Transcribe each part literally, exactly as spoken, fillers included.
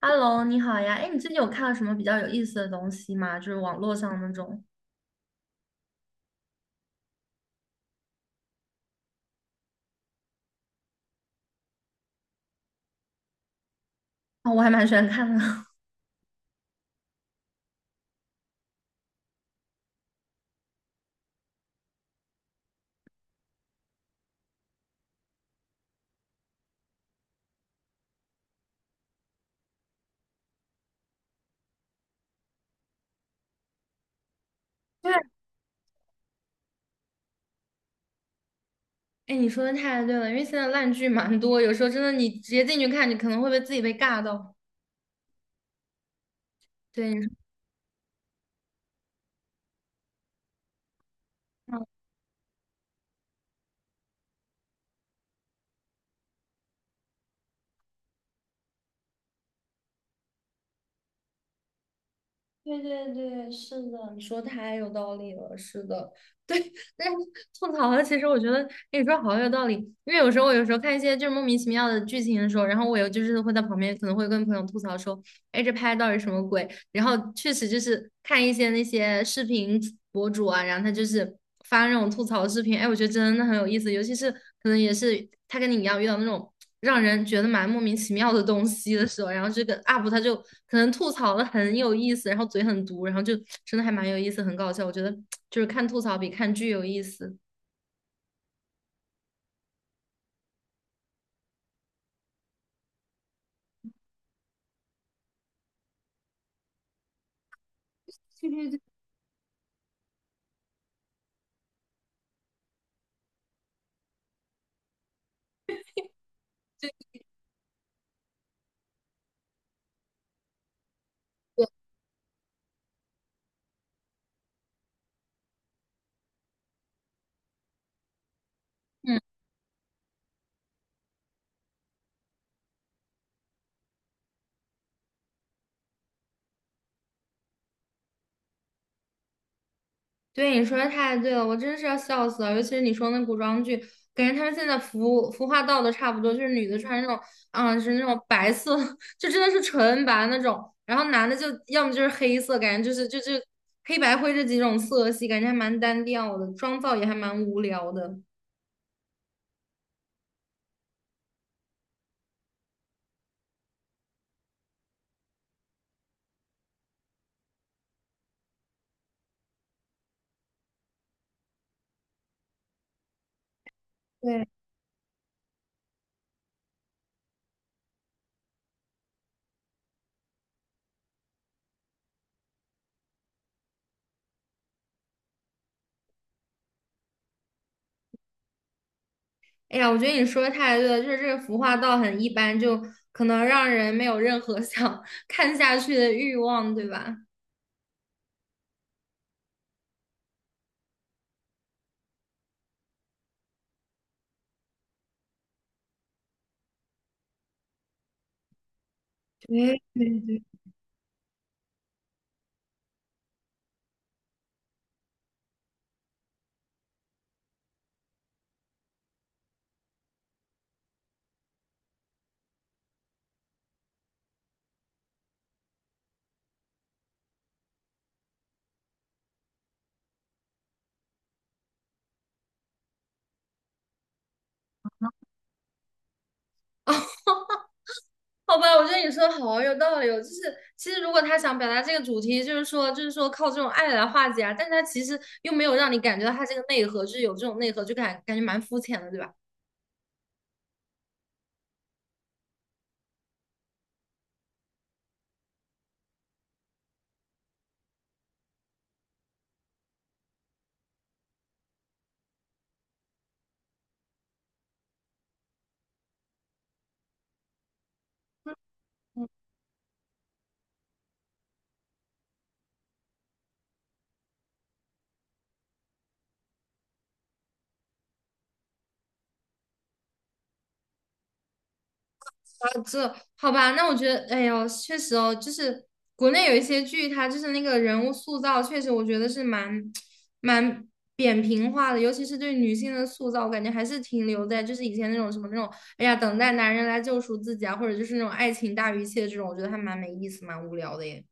Hello，你好呀！哎，你最近有看到什么比较有意思的东西吗？就是网络上那种。哦，我还蛮喜欢看的。对，哎，你说的太对了，因为现在烂剧蛮多，有时候真的你直接进去看，你可能会被自己被尬到。对，你说。对对对，是的，你说太有道理了，是的，对，但是吐槽了，其实我觉得你说好有道理，因为有时候我有时候看一些就是莫名其妙的剧情的时候，然后我有就是会在旁边可能会跟朋友吐槽说，哎，这拍的到底什么鬼？然后确实就是看一些那些视频博主啊，然后他就是发那种吐槽视频。哎，我觉得真的很有意思，尤其是可能也是他跟你一样遇到那种让人觉得蛮莫名其妙的东西的时候，然后这个 U P 他就可能吐槽的很有意思，然后嘴很毒，然后就真的还蛮有意思，很搞笑。我觉得就是看吐槽比看剧有意思。对对对，嗯，对，你说的太对了，我真是要笑死了。尤其是你说那古装剧，感觉他们现在服服化道的差不多，就是女的穿那种，啊、是那种白色，就真的是纯白那种，然后男的就要么就是黑色，感觉就是就就黑白灰这几种色系，感觉还蛮单调的，妆造也还蛮无聊的。对，哎呀，我觉得你说的太对了，就是这个服化道很一般，就可能让人没有任何 想看下去的欲望，对吧？对对对，好吧，我觉得你说的好啊有道理哦。就是其实如果他想表达这个主题，就是说，就是说靠这种爱来化解啊，但是他其实又没有让你感觉到他这个内核，就是有这种内核，就感感觉蛮肤浅的，对吧？哦这好吧，那我觉得，哎呦，确实哦。就是国内有一些剧，它就是那个人物塑造，确实我觉得是蛮 蛮扁平化的。尤其是对女性的塑造，我感觉还是停留在就是以前那种什么那种，哎呀，等待男人来救赎自己啊，或者就是那种爱情大于一切这种，我觉得还蛮没意思，蛮无聊的耶。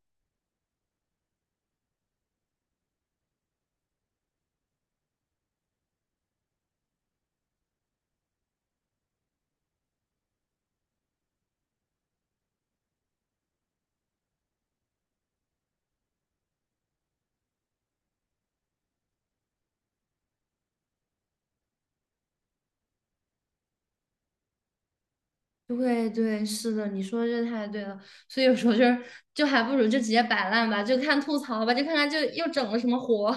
对对，是的，你说的这太对了，所以有时候就是就还不如就直接摆烂吧，就看吐槽吧，就看看就又整了什么活。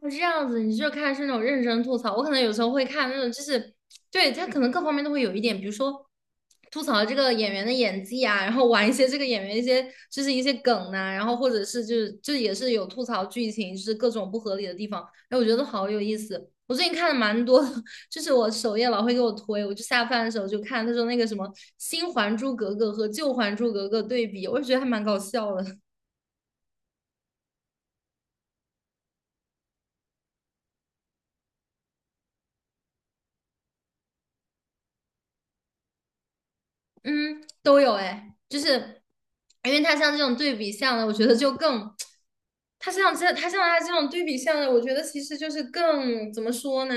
哦这样子，你就看是那种认真吐槽，我可能有时候会看那种，就是对他可能各方面都会有一点，比如说吐槽这个演员的演技啊，然后玩一些这个演员一些就是一些梗呐、然后或者是就是就也是有吐槽剧情，就是各种不合理的地方。哎，我觉得好有意思。我最近看的蛮多的，就是我首页老会给我推，我就下饭的时候就看，他说那个什么新《还珠格格》和旧《还珠格格》对比，我就觉得还蛮搞笑的。嗯，都有哎。就是因为它像这种对比项的，我觉得就更，它像这它像它这种对比项的，我觉得其实就是更怎么说呢？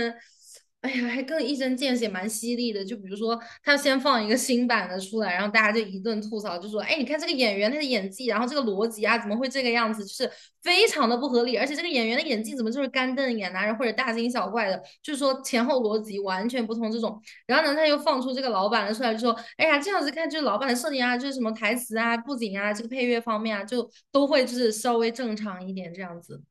哎呀，还更一针见血，蛮犀利的。就比如说，他先放一个新版的出来，然后大家就一顿吐槽，就说：“哎，你看这个演员他的演技，然后这个逻辑啊，怎么会这个样子？就是非常的不合理。而且这个演员的演技怎么就是干瞪眼啊，或者大惊小怪的？就是说前后逻辑完全不通这种。”然后呢，他又放出这个老板的出来，就说：“哎呀，这样子看，就是老板的设定啊，就是什么台词啊、布景啊、这个配乐方面啊，就都会就是稍微正常一点这样子。”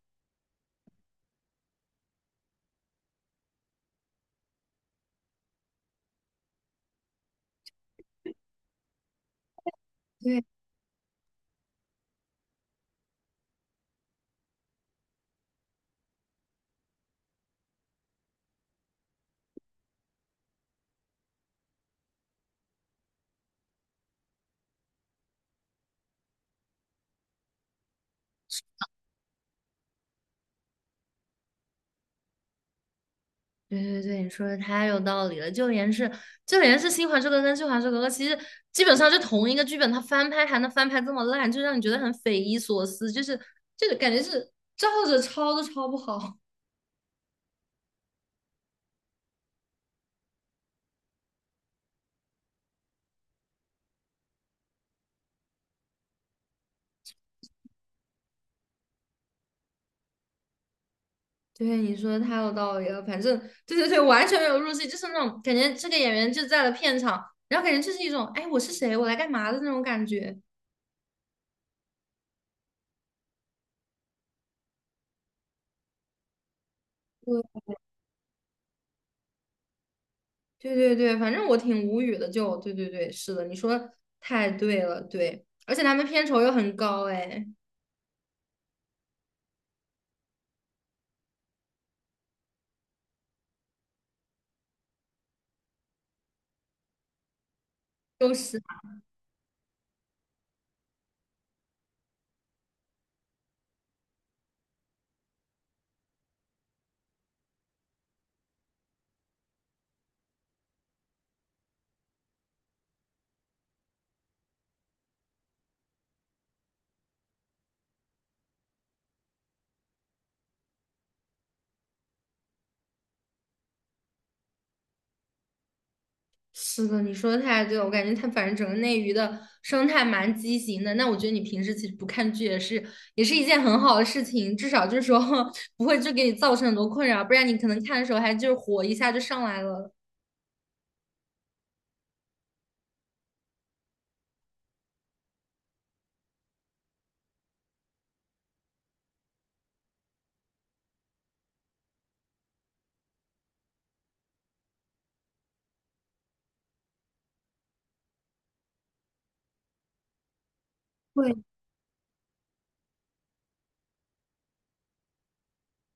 对对对对，你说的太有道理了。就连是就连是新还珠格格》跟旧还珠格格》，其实基本上就同一个剧本，它翻拍还能翻拍这么烂，就让你觉得很匪夷所思，就是就是感觉是照着抄都抄不好。对，你说的太有道理了。反正对对对，完全没有入戏，就是那种感觉，这个演员就在了片场，然后感觉就是一种，哎，我是谁，我来干嘛的那种感觉。对对对对，反正我挺无语的。就对对对，是的，你说得太对了，对，而且他们片酬又很高，哎，就是是的，你说的太对了，我感觉它反正整个内娱的生态蛮畸形的。那我觉得你平时其实不看剧也是也是一件很好的事情，至少就是说 不会就给你造成很多困扰，不然你可能看的时候还就是火一下就上来了。对，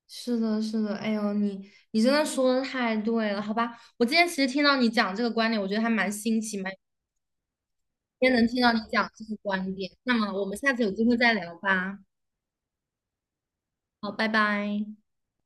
是的，是的，哎呦，你你真的说的太对了，好吧？我今天其实听到你讲这个观点，我觉得还蛮新奇，蛮今天能听到你讲这个观点。那么我们下次有机会再聊吧。好，拜拜。